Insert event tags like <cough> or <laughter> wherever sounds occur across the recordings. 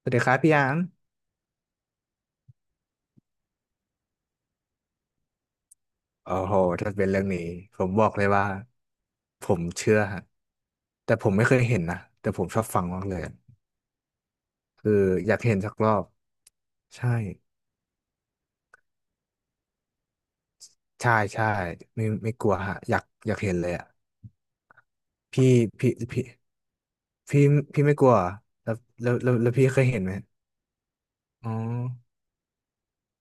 สวัสดีครับพี่หยามโอ้โหถ้าเป็นเรื่องนี้ผมบอกเลยว่าผมเชื่อฮะ แต่ผมไม่เคยเห็นนะแต่ผมชอบฟังมากเลย คืออยากเห็นสักรอบ ใช่ ใช่ใช่ไม่กลัวฮะ อยากเห็นเลยอ่ะพี่พี่พี่พี่พี่ไม่กลัวเหรอแล้วแล้วพี่เคยเห็นไหมอ๋อ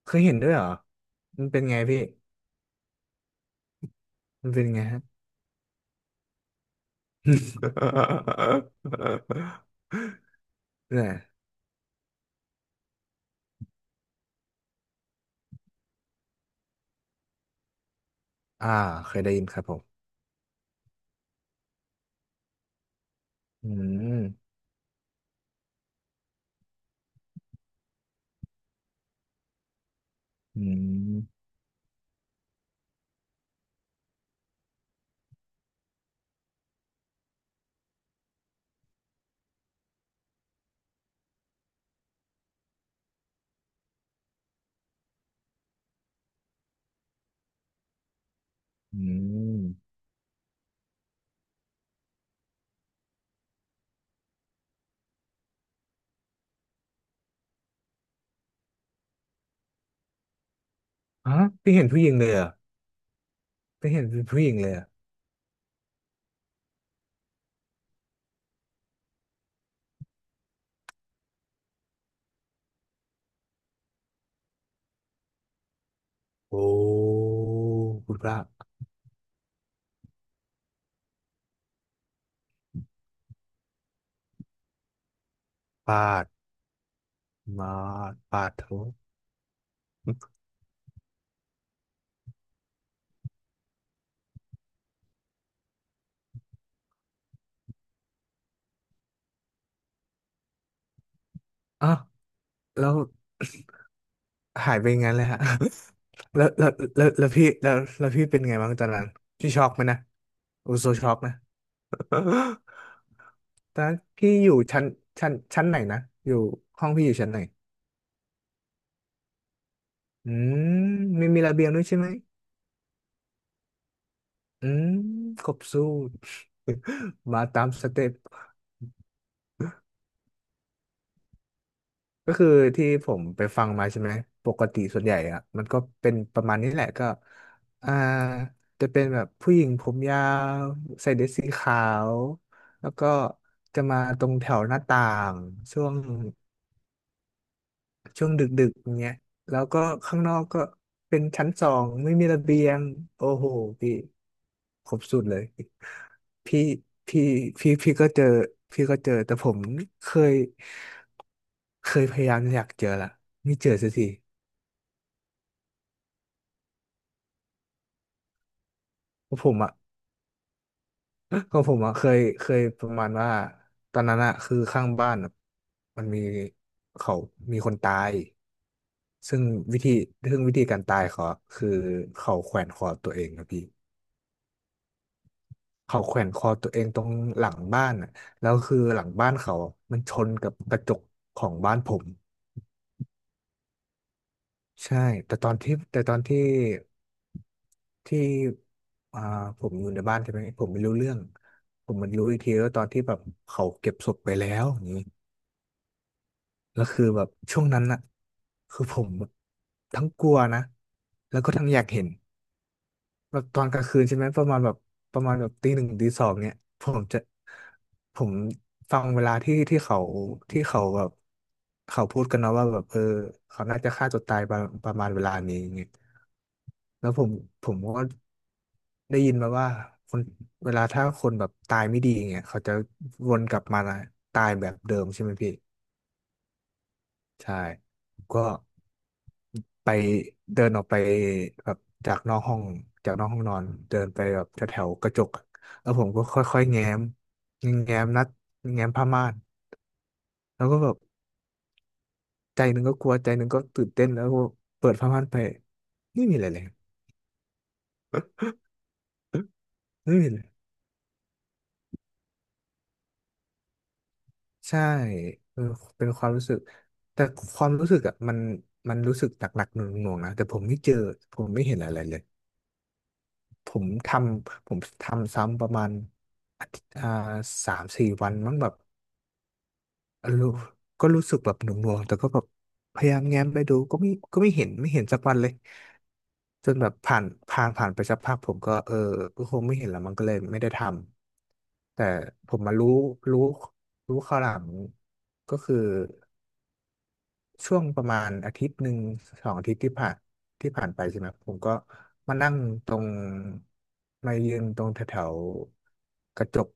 เคยเห็นด้วยเหรอมันเป็นไงพี่มันเป็นไงฮะ <laughs> เนี่ยอ่าเคยได้ยินครับผมอืมอืม อืมฮะไม่เห็นผู้หญิงเลยเหรอ่ะไม่เห็นเป็นผู้หญิงเลยเหรอ่ะโอ้คุณพระปาดมาปาดโถอ้าวแล้วหายไปงั้นเลยฮะ <laughs> แล้วแล้วแล้วพี่แล้วแล้วพี่เป็นไงบ้างตอนนั้นพี่ช็อกไหมนะโอ้โซช็อกนะ <laughs> ตอนนั้นพี่อยู่ชั้นไหนนะอยู่ห้องพี่อยู่ชั้นไหนอืมมีระเบียงด้วยใช่ไหมอืมครบสูตร <laughs> มาตามสเต็ป ก็คือที่ผมไปฟังมาใช่ไหมปกติส่วนใหญ่อะมันก็เป็นประมาณนี้แหละก็อ่าจะเป็นแบบผู้หญิงผมยาวใส่เดรสสีขาวแล้วก็จะมาตรงแถวหน้าต่างช่วง ช่วงดึกๆอย่างเงี้ยแล้วก็ข้างนอกก็เป็นชั้น 2ไม่มีระเบียงโอ้โหพี่ครบสุดเลยพี่พี่พี่ก็เจอแต่ผมเคยเคยพยายามอยากเจอละไม่เจอสักทีเพราะผมอ่ะก็ผมอ่ะเคยประมาณว่าตอนนั้นอ่ะคือข้างบ้านอะมันเขามีคนตายซึ่งวิธีซึ่งวิธีการตายเขาอะคือเขาแขวนคอตัวเองครับพี่ เขาแขวนคอตัวเองตรงหลังบ้านอ่ะแล้วคือหลังบ้านเขาอะมันชนกับกระจกของบ้านผมใช่แต่ตอนที่ที่อ่าผมอยู่ในบ้านใช่ไหมผมไม่รู้เรื่องผมมันรู้อีกทีก็ตอนที่แบบเขาเก็บศพไปแล้วอย่างนี้แล้วคือแบบช่วงนั้นอ่ะคือผมแบบทั้งกลัวนะแล้วก็ทั้งอยากเห็น แบบตอนกลางคืนใช่ไหมประมาณแบบประมาณแบบตี 1 ตี 2เนี่ยผมจะผมฟังเวลาที่เขาแบบเขาพูดกันเนาะว่าแบบเออเขาน่าจะฆ่าตัวตายประมาณเวลานี้อย่างเงี้ยแล้วผมก็ได้ยินมาว่าคนเวลาถ้าคนแบบตายไม่ดีอย่างเงี้ยเขาจะวนกลับมาตายแบบเดิมใช่ไหมพี่ ใช่ก็ไปเดินออกไปแบบจากนอกห้องจากนอกห้องนอนเดินไปแบบแถวๆกระจกอะแล้วผมก็ค่อยๆแง้มนัดแง้มผ้าม่านแล้วก็แบบใจหนึ่งก็กลัวใจหนึ่งก็ตื่นเต้นแล้วก็เปิดผ้าม่านไปไม่มีอะไรเลยไม่มีเลยใช่เออเป็นความรู้สึกแต่ความรู้สึกอ่ะมันรู้สึกหนักๆหน่วงๆนะแต่ผมไม่เจอผมไม่เห็นอะไรเลย ผมทผมทำซ้ำประมาณอาทิตย์3-4 วันมั้งแบบรู้ก็รู้สึกแบบหน่วงๆแต่ก็แบบพยายามแง้มไปดูก็ไม่เห็นสักวันเลยจนแบบผ่านไปสักพักผมก็ก็คงไม่เห็นแล้วมันก็เลยไม่ได้ทำแต่ผมมารู้รู้ข้าวหลังก็คือ ช่วงประมาณอาทิตย์หนึ่งสองอาทิตย์ที่ผ่านไปใช่ไหมครับผมก็มานั่งตรงมายืนตรงแถวๆกระจก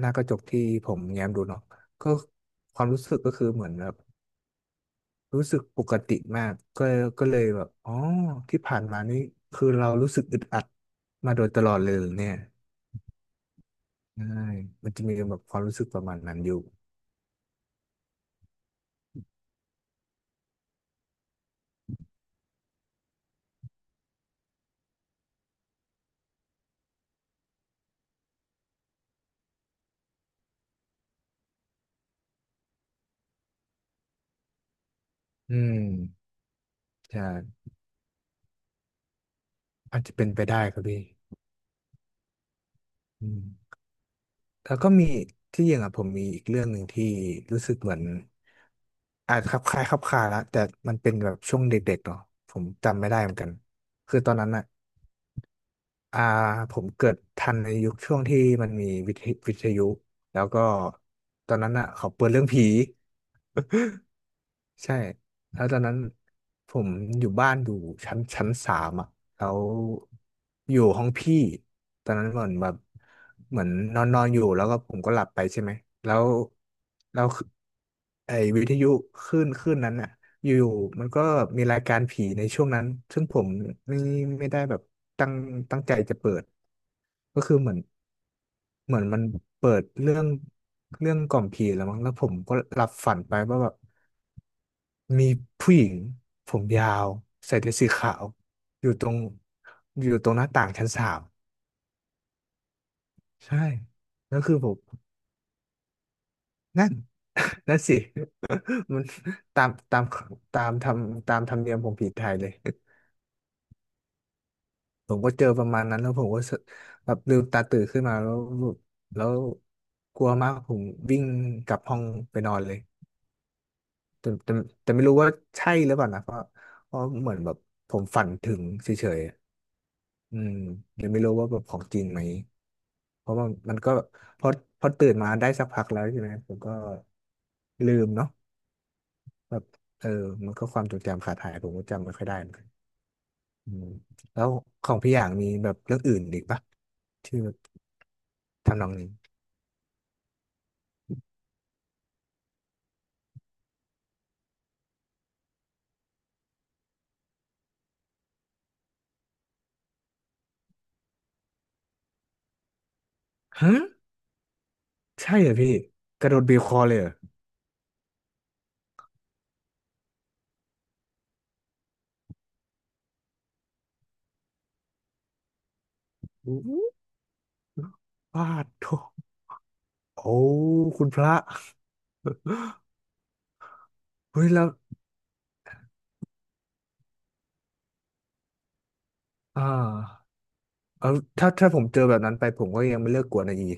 หน้ากระจกที่ผมแง้มดูเนาะก็ความรู้สึกก็คือเหมือนแบบรู้สึกปกติมากก็เลยแบบอ๋อที่ผ่านมานี่คือเรารู้สึกอึดอัดมาโดยตลอดเลยเหรอเนี่ยใช่มันจะมีแบบความรู้สึกประมาณนั้นอยู่อืมใช่อาจจะเป็นไปได้ครับพี่อืม แล้วก็มีที่จริงอ่ะผมมีอีกเรื่องหนึ่งที่รู้สึกเหมือนอาจจะคลับคล้ายคลับคลาละแต่มันเป็นแบบช่วงเด็กๆเนาะผมจำไม่ได้เหมือนกันคือตอนนั้นอ่ะอ่าผมเกิดทันในยุคช่วงที่มันมีวิทยุแล้วก็ตอนนั้นอ่ะเขาเปิดเรื่องผี ใช่แล้วตอนนั้นผมอยู่บ้านอยู่ชั้นสามอ่ะแล้วอยู่ห้องพี่ตอนนั้นเหมือนนอนนอนอยู่แล้วก็ผมก็หลับไปใช่ไหมแล้วแล้วคือไอ้วิทยุคลื่นนั้นอ่ะอยู่ๆมันก็มีรายการผีในช่วงนั้น ซึ่งผมไม่ไม่ได้แบบตั้งตั้งใจจะเปิดก็คือเหมือนมันเปิดเรื่องกล่อมผีแล้วมั้งแล้วผมก็หลับฝันไปว่าแบบ มีผู้หญิงผมยาวใส่เดรสสีขาวอยู่ตรงอยู่ตรงหน้าต่างชั้นสามใช่แล้วคือผมนั่นนั่นสิ <laughs> มันตามตามตามทำตามธรรมเนียมของผีไทยเลยผมก็เจอประมาณนั้นแล้วผมก็แบบลืมตาตื่นขึ้นมาแล้วแล้วกลัวมากผมวิ่งกลับห้องไปนอนเลยแต่แต่แต่ไม่รู้ว่าใช่หรือเปล่านะเพราะเหมือนแบบผมฝันถึงเฉยๆอะอืมเลยไม่รู้ว่าแบบของจริงไหม เพราะว่ามันก็พอพอตื่นมาได้สักพักแล้วใช่ไหมผมก็ลืมเนาะแบบเออมันก็ความจดจำขาดหายผมก็จำไม่ค่อยได้เหมือนกันอืมแล้วของพี่อย่างมีแบบเรื่องอื่นอีกปะที่แบบทำนองนี้ฮะใช่เหรอพี่กระโดดบีบคอเลยเหรออู้วาดโถโอ้คุณพระเฮ้ยแล้วอ่าเอาถ้าผมเจอแบบนั้นไปผมก็ยังไม่เลิกกวนอะอี <laughs>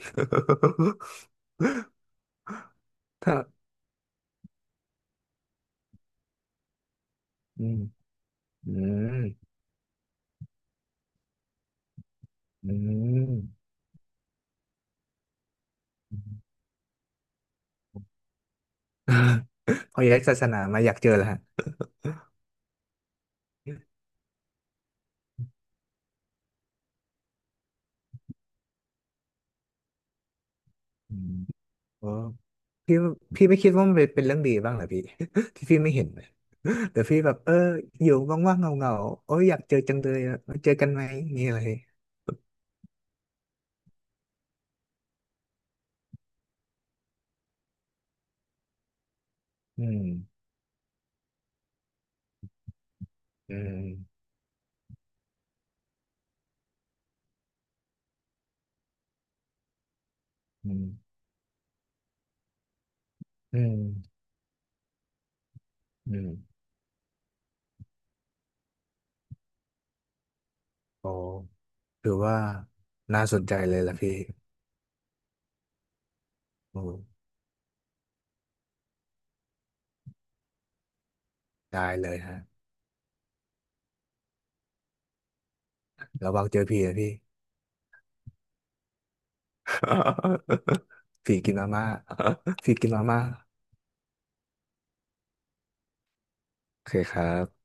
ถ้าอืมอืมอืม <laughs> พอย้ายศาสนามาอยากเจอแล้วฮะอืมโอ้พี่พี่ไม่คิดว่ามันเป็นเรื่องดีบ้างเหรอพี่ <laughs> ที่พี่ไม่เห็นนะแต่พี่แบบเอออยู่ว่างๆเงาๆโอ้ยอยากเจอจังเลยอะมาเจอกันไหมนี่อะไรอืมอืมอืมอืมอืมโอ้ถือว่าน่าสนใจเลยล่ะพี่โอ้ได้เลยฮะระวังเจอผีนะพี่ <laughs> ผีกินมาม่า <laughs> ผีกินมาม่าโอเคครับ